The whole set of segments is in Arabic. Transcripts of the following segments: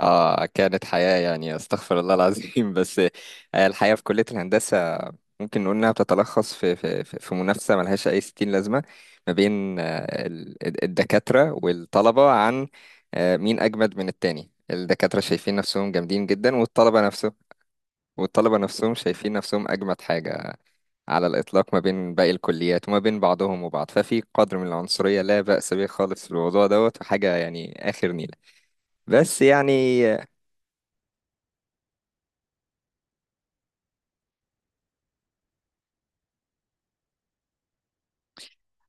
اه كانت حياة يعني استغفر الله العظيم بس الحياة في كلية الهندسة ممكن نقول انها بتتلخص في منافسة ملهاش اي ستين لازمة ما بين الدكاترة والطلبة عن مين اجمد من التاني. الدكاترة شايفين نفسهم جامدين جدا والطلبة نفسهم والطلبة نفسهم شايفين نفسهم اجمد حاجة على الاطلاق ما بين باقي الكليات وما بين بعضهم وبعض. ففي قدر من العنصرية لا بأس به خالص في الموضوع دوت وحاجة يعني اخر نيلة. بس يعني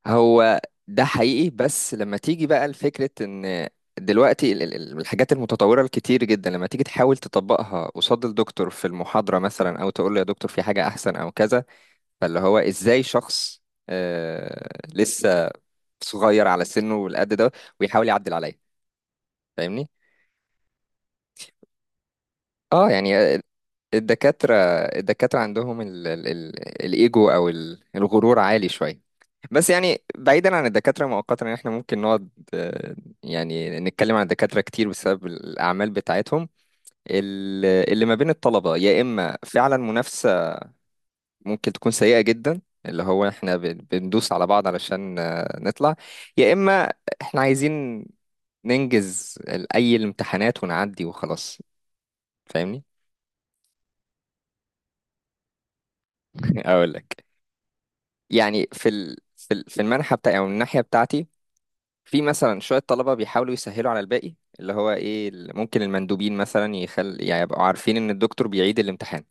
هو ده حقيقي، بس لما تيجي بقى لفكرة ان دلوقتي الحاجات المتطورة الكتير جدا لما تيجي تحاول تطبقها قصاد الدكتور في المحاضرة مثلا او تقول له يا دكتور في حاجة احسن او كذا، فاللي هو ازاي شخص لسه صغير على سنه والقد ده ويحاول يعدل عليا، فاهمني؟ اه يعني الدكاترة، الدكاترة عندهم ال ال ال الإيجو أو الغرور عالي شوية. بس يعني بعيدا عن الدكاترة مؤقتا، يعني احنا ممكن نقعد آه، يعني نتكلم عن الدكاترة كتير بسبب الأعمال بتاعتهم. اللي ما بين الطلبة يا إما فعلا منافسة ممكن تكون سيئة جدا، اللي هو احنا بندوس على بعض علشان نطلع، يا إما احنا عايزين ننجز أي الامتحانات ونعدي وخلاص. فاهمني؟ أقول لك، يعني في المنحة بتاعي او الناحية بتاعتي، في مثلا شوية طلبة بيحاولوا يسهلوا على الباقي، اللي هو ايه ممكن المندوبين مثلا يخل يعني يبقوا عارفين ان الدكتور بيعيد الامتحان.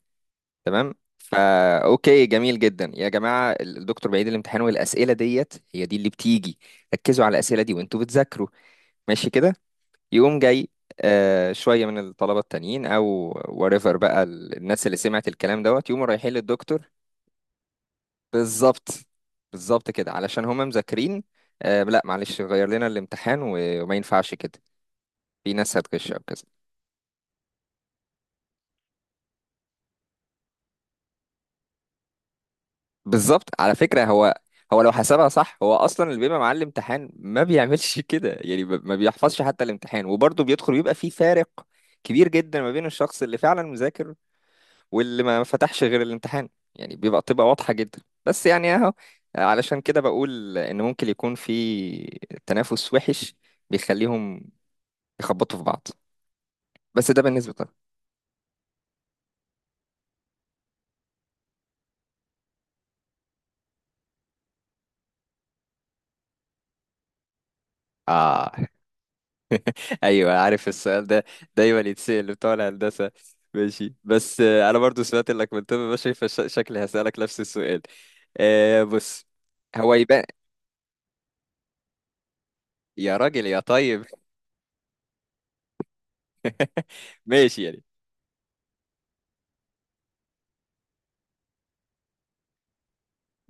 تمام، فا اوكي، جميل جدا يا جماعة، الدكتور بيعيد الامتحان والاسئلة ديت هي دي اللي بتيجي. ركزوا على الاسئلة دي وانتوا بتذاكروا. ماشي كده. يقوم جاي شوية من الطلبة التانيين او وريفر بقى الناس اللي سمعت الكلام دوت، يقوموا رايحين للدكتور. بالظبط. بالظبط كده، علشان هما مذاكرين، آه لا معلش غير لنا الامتحان وما ينفعش كده، في ناس هتغش او كذا. بالظبط. على فكرة هو، هو لو حسبها صح هو اصلا اللي بيبقى معاه الامتحان ما بيعملش كده، يعني ما بيحفظش حتى الامتحان وبرضه بيدخل، ويبقى في فارق كبير جدا ما بين الشخص اللي فعلا مذاكر واللي ما فتحش غير الامتحان، يعني تبقى واضحة جدا. بس يعني اهو، علشان كده بقول ان ممكن يكون في تنافس وحش بيخليهم يخبطوا في بعض. بس ده بالنسبة طبعا. اه. ايوه، عارف السؤال ده دايما يتسأل بتوع الهندسة. ماشي، بس آه انا برضو سمعت انك من طب بشري، فشكلي هسألك نفس السؤال. آه بص، هو يبقى يا راجل يا طيب. ماشي يعني.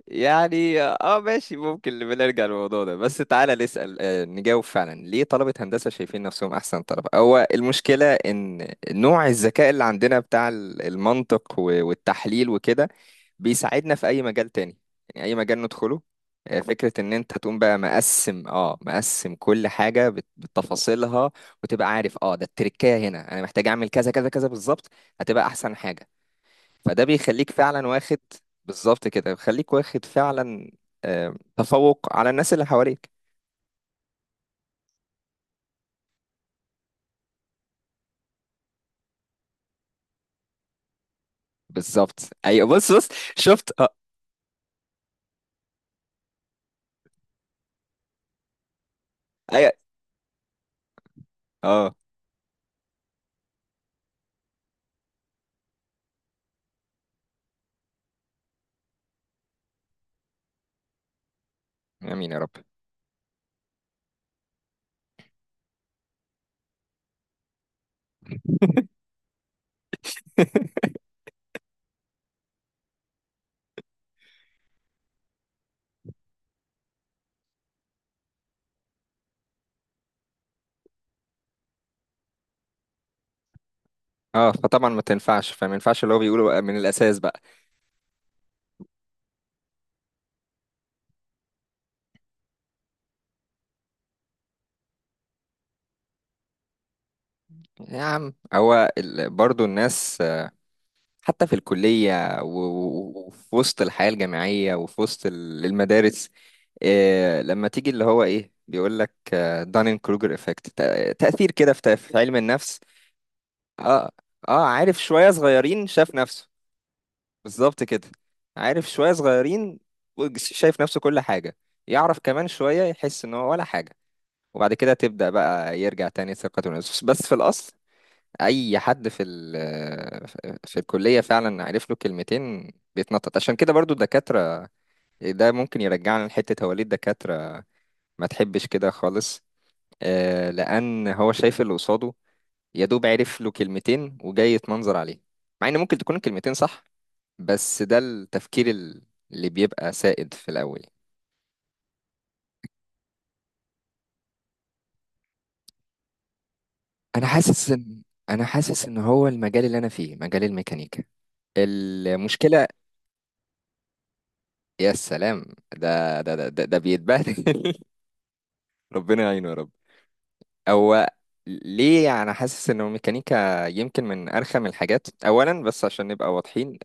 يعني اه ماشي، ممكن بنرجع للموضوع ده، بس تعالى نسأل نجاوب فعلا ليه طلبة هندسة شايفين نفسهم أحسن طلبة. هو المشكلة إن نوع الذكاء اللي عندنا بتاع المنطق والتحليل وكده بيساعدنا في أي مجال تاني، يعني أي مجال ندخله. فكرة إن أنت تقوم بقى مقسم اه مقسم كل حاجة بتفاصيلها، وتبقى عارف اه ده التركاية هنا أنا محتاج أعمل كذا كذا كذا بالظبط، هتبقى أحسن حاجة. فده بيخليك فعلا واخد، بالظبط كده بيخليك واخد فعلا تفوق على الناس اللي حواليك. بالظبط. ايوه بص بص، شفت اه. ايوه. اه. امين يا رب. اه فطبعا ما تنفعش، فما ينفعش اللي هو بيقوله بقى من الاساس بقى. يا عم هو برضو الناس حتى في الكليه وفي وسط الحياه الجامعيه وفي وسط المدارس، لما تيجي اللي هو ايه بيقول لك دانين كروجر افكت، تاثير كده في علم النفس. اه. اه عارف شوية صغيرين شاف نفسه. بالظبط كده. عارف شوية صغيرين شايف نفسه كل حاجة، يعرف كمان شوية يحس ان هو ولا حاجة، وبعد كده تبدأ بقى يرجع تاني ثقته بنفسه. بس في الأصل أي حد في ال في الكلية فعلا عرف له كلمتين بيتنطط. عشان كده برضو الدكاترة، ده ممكن يرجعنا لحتة هو ليه الدكاترة ما تحبش كده خالص، لأن هو شايف اللي قصاده يا دوب عرف له كلمتين وجاي يتمنظر عليه، مع ان ممكن تكون الكلمتين صح، بس ده التفكير اللي بيبقى سائد في الاول. انا حاسس ان، انا حاسس ان هو المجال اللي انا فيه مجال الميكانيكا، المشكلة. يا سلام، ده بيتبهدل. ربنا يعينه يا رب. هو ليه انا حاسس ان الميكانيكا يمكن من ارخم الحاجات؟ اولا، بس عشان نبقى واضحين،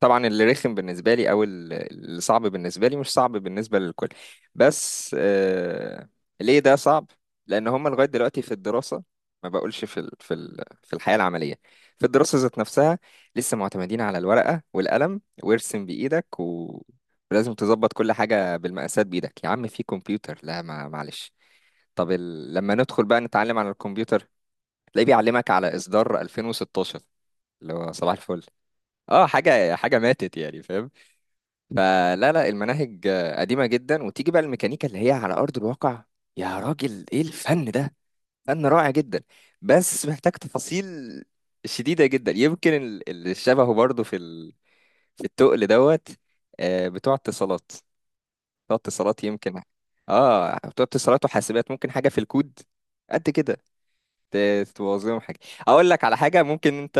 طبعا اللي رخم بالنسبه لي او اللي صعب بالنسبه لي مش صعب بالنسبه للكل، بس آه. ليه ده صعب؟ لان هم لغايه دلوقتي في الدراسه، ما بقولش في ال في ال في الحياه العمليه، في الدراسه ذات نفسها، لسه معتمدين على الورقه والقلم وارسم بايدك و... ولازم تظبط كل حاجه بالمقاسات بايدك، يا عم في كمبيوتر. لا ما معلش، طب لما ندخل بقى نتعلم على الكمبيوتر، تلاقيه بيعلمك على إصدار 2016، اللي هو صباح الفل، اه حاجة حاجة ماتت يعني، فاهم؟ فلا لا المناهج قديمة جدا. وتيجي بقى الميكانيكا اللي هي على أرض الواقع، يا راجل ايه الفن ده، فن رائع جدا بس محتاج تفاصيل شديدة جدا. يمكن اللي شبهه برضه في في التقل دوت بتوع اتصالات، بتوع اتصالات يمكن. اه بتوع اتصالات وحاسبات، ممكن حاجة في الكود قد كده تبوظ لهم حاجه. اقول لك على حاجه ممكن انت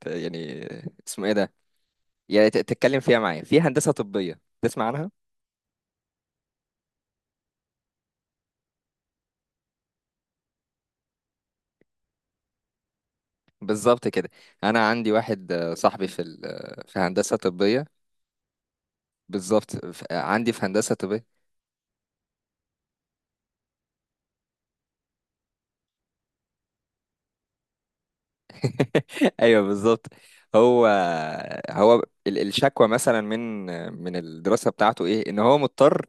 يعني اسمه ايه ده، يعني تتكلم فيها معايا، في هندسه طبيه تسمع عنها؟ بالظبط كده. انا عندي واحد صاحبي في في هندسه طبيه. بالظبط، عندي في هندسه طبيه. ايوه بالظبط. هو، هو الشكوى مثلا من، الدراسه بتاعته ايه؟ ان هو مضطر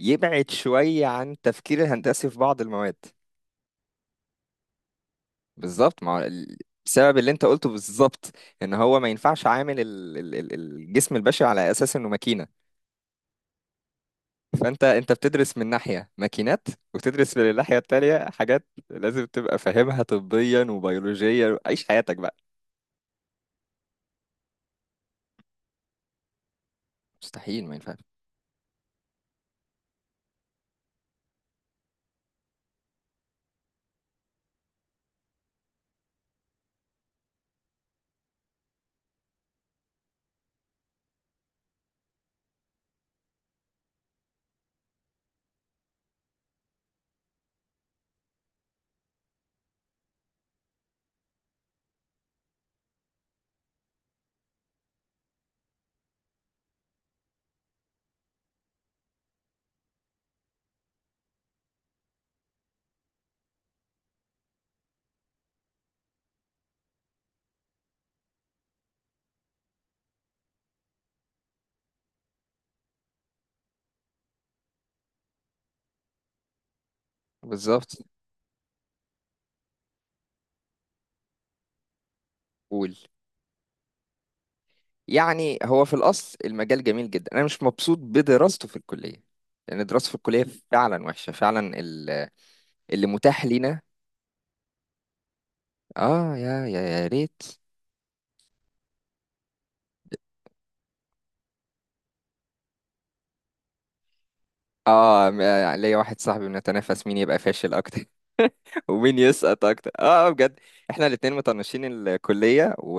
يبعد شويه عن التفكير الهندسي في بعض المواد. بالظبط، ما هو بسبب اللي انت قلته بالظبط، ان هو ما ينفعش عامل الجسم البشري على اساس انه ماكينه. فانت، انت بتدرس من ناحيه ماكينات، وتدرس من الناحيه التانيه حاجات لازم تبقى فاهمها طبيا وبيولوجيا، عيش حياتك بقى. مستحيل، ما ينفعش. بالظبط. قول. يعني هو في الاصل المجال جميل جدا، انا مش مبسوط بدراسته في الكليه، لان دراسته في الكليه فعلا وحشه فعلا، اللي متاح لينا. اه، يا ريت. اه ليا واحد صاحبي بنتنافس مين يبقى فاشل اكتر. ومين يسقط اكتر، اه بجد. احنا الاتنين مطنشين الكلية و...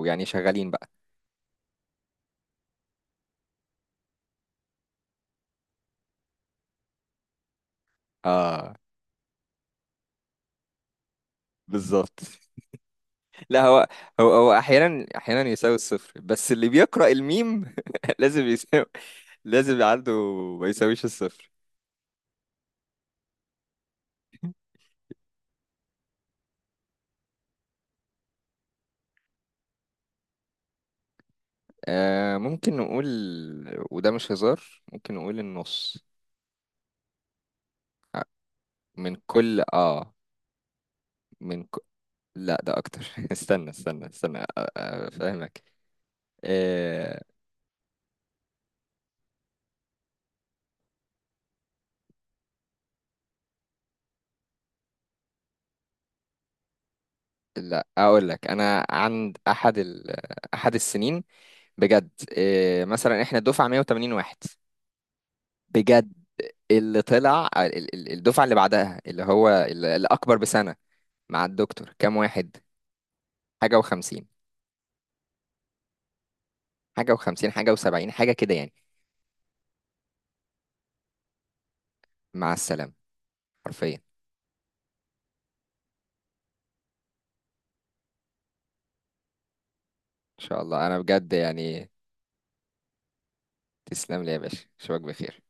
ويعني شغالين بقى. اه بالظبط. لا هو، هو احيانا، احيانا يساوي الصفر، بس اللي بيقرأ الميم لازم يساوي، لازم يبقى عنده، ما يساويش الصفر. آه ممكن نقول، وده مش هزار، ممكن نقول النص. من كل اه، من ك... لا ده اكتر. استنى استنى فاهمك. إيه. لا اقول لك، انا عند احد احد السنين بجد، إيه مثلا احنا دفعه 180 واحد بجد، اللي طلع الدفعه اللي بعدها اللي هو الاكبر بسنه مع الدكتور كام واحد؟ حاجه و50، حاجه و50، حاجه و70، حاجه كده يعني. مع السلامه حرفيا. ان شاء الله. انا بجد يعني. تسلم لي يا باشا، اشوفك بخير.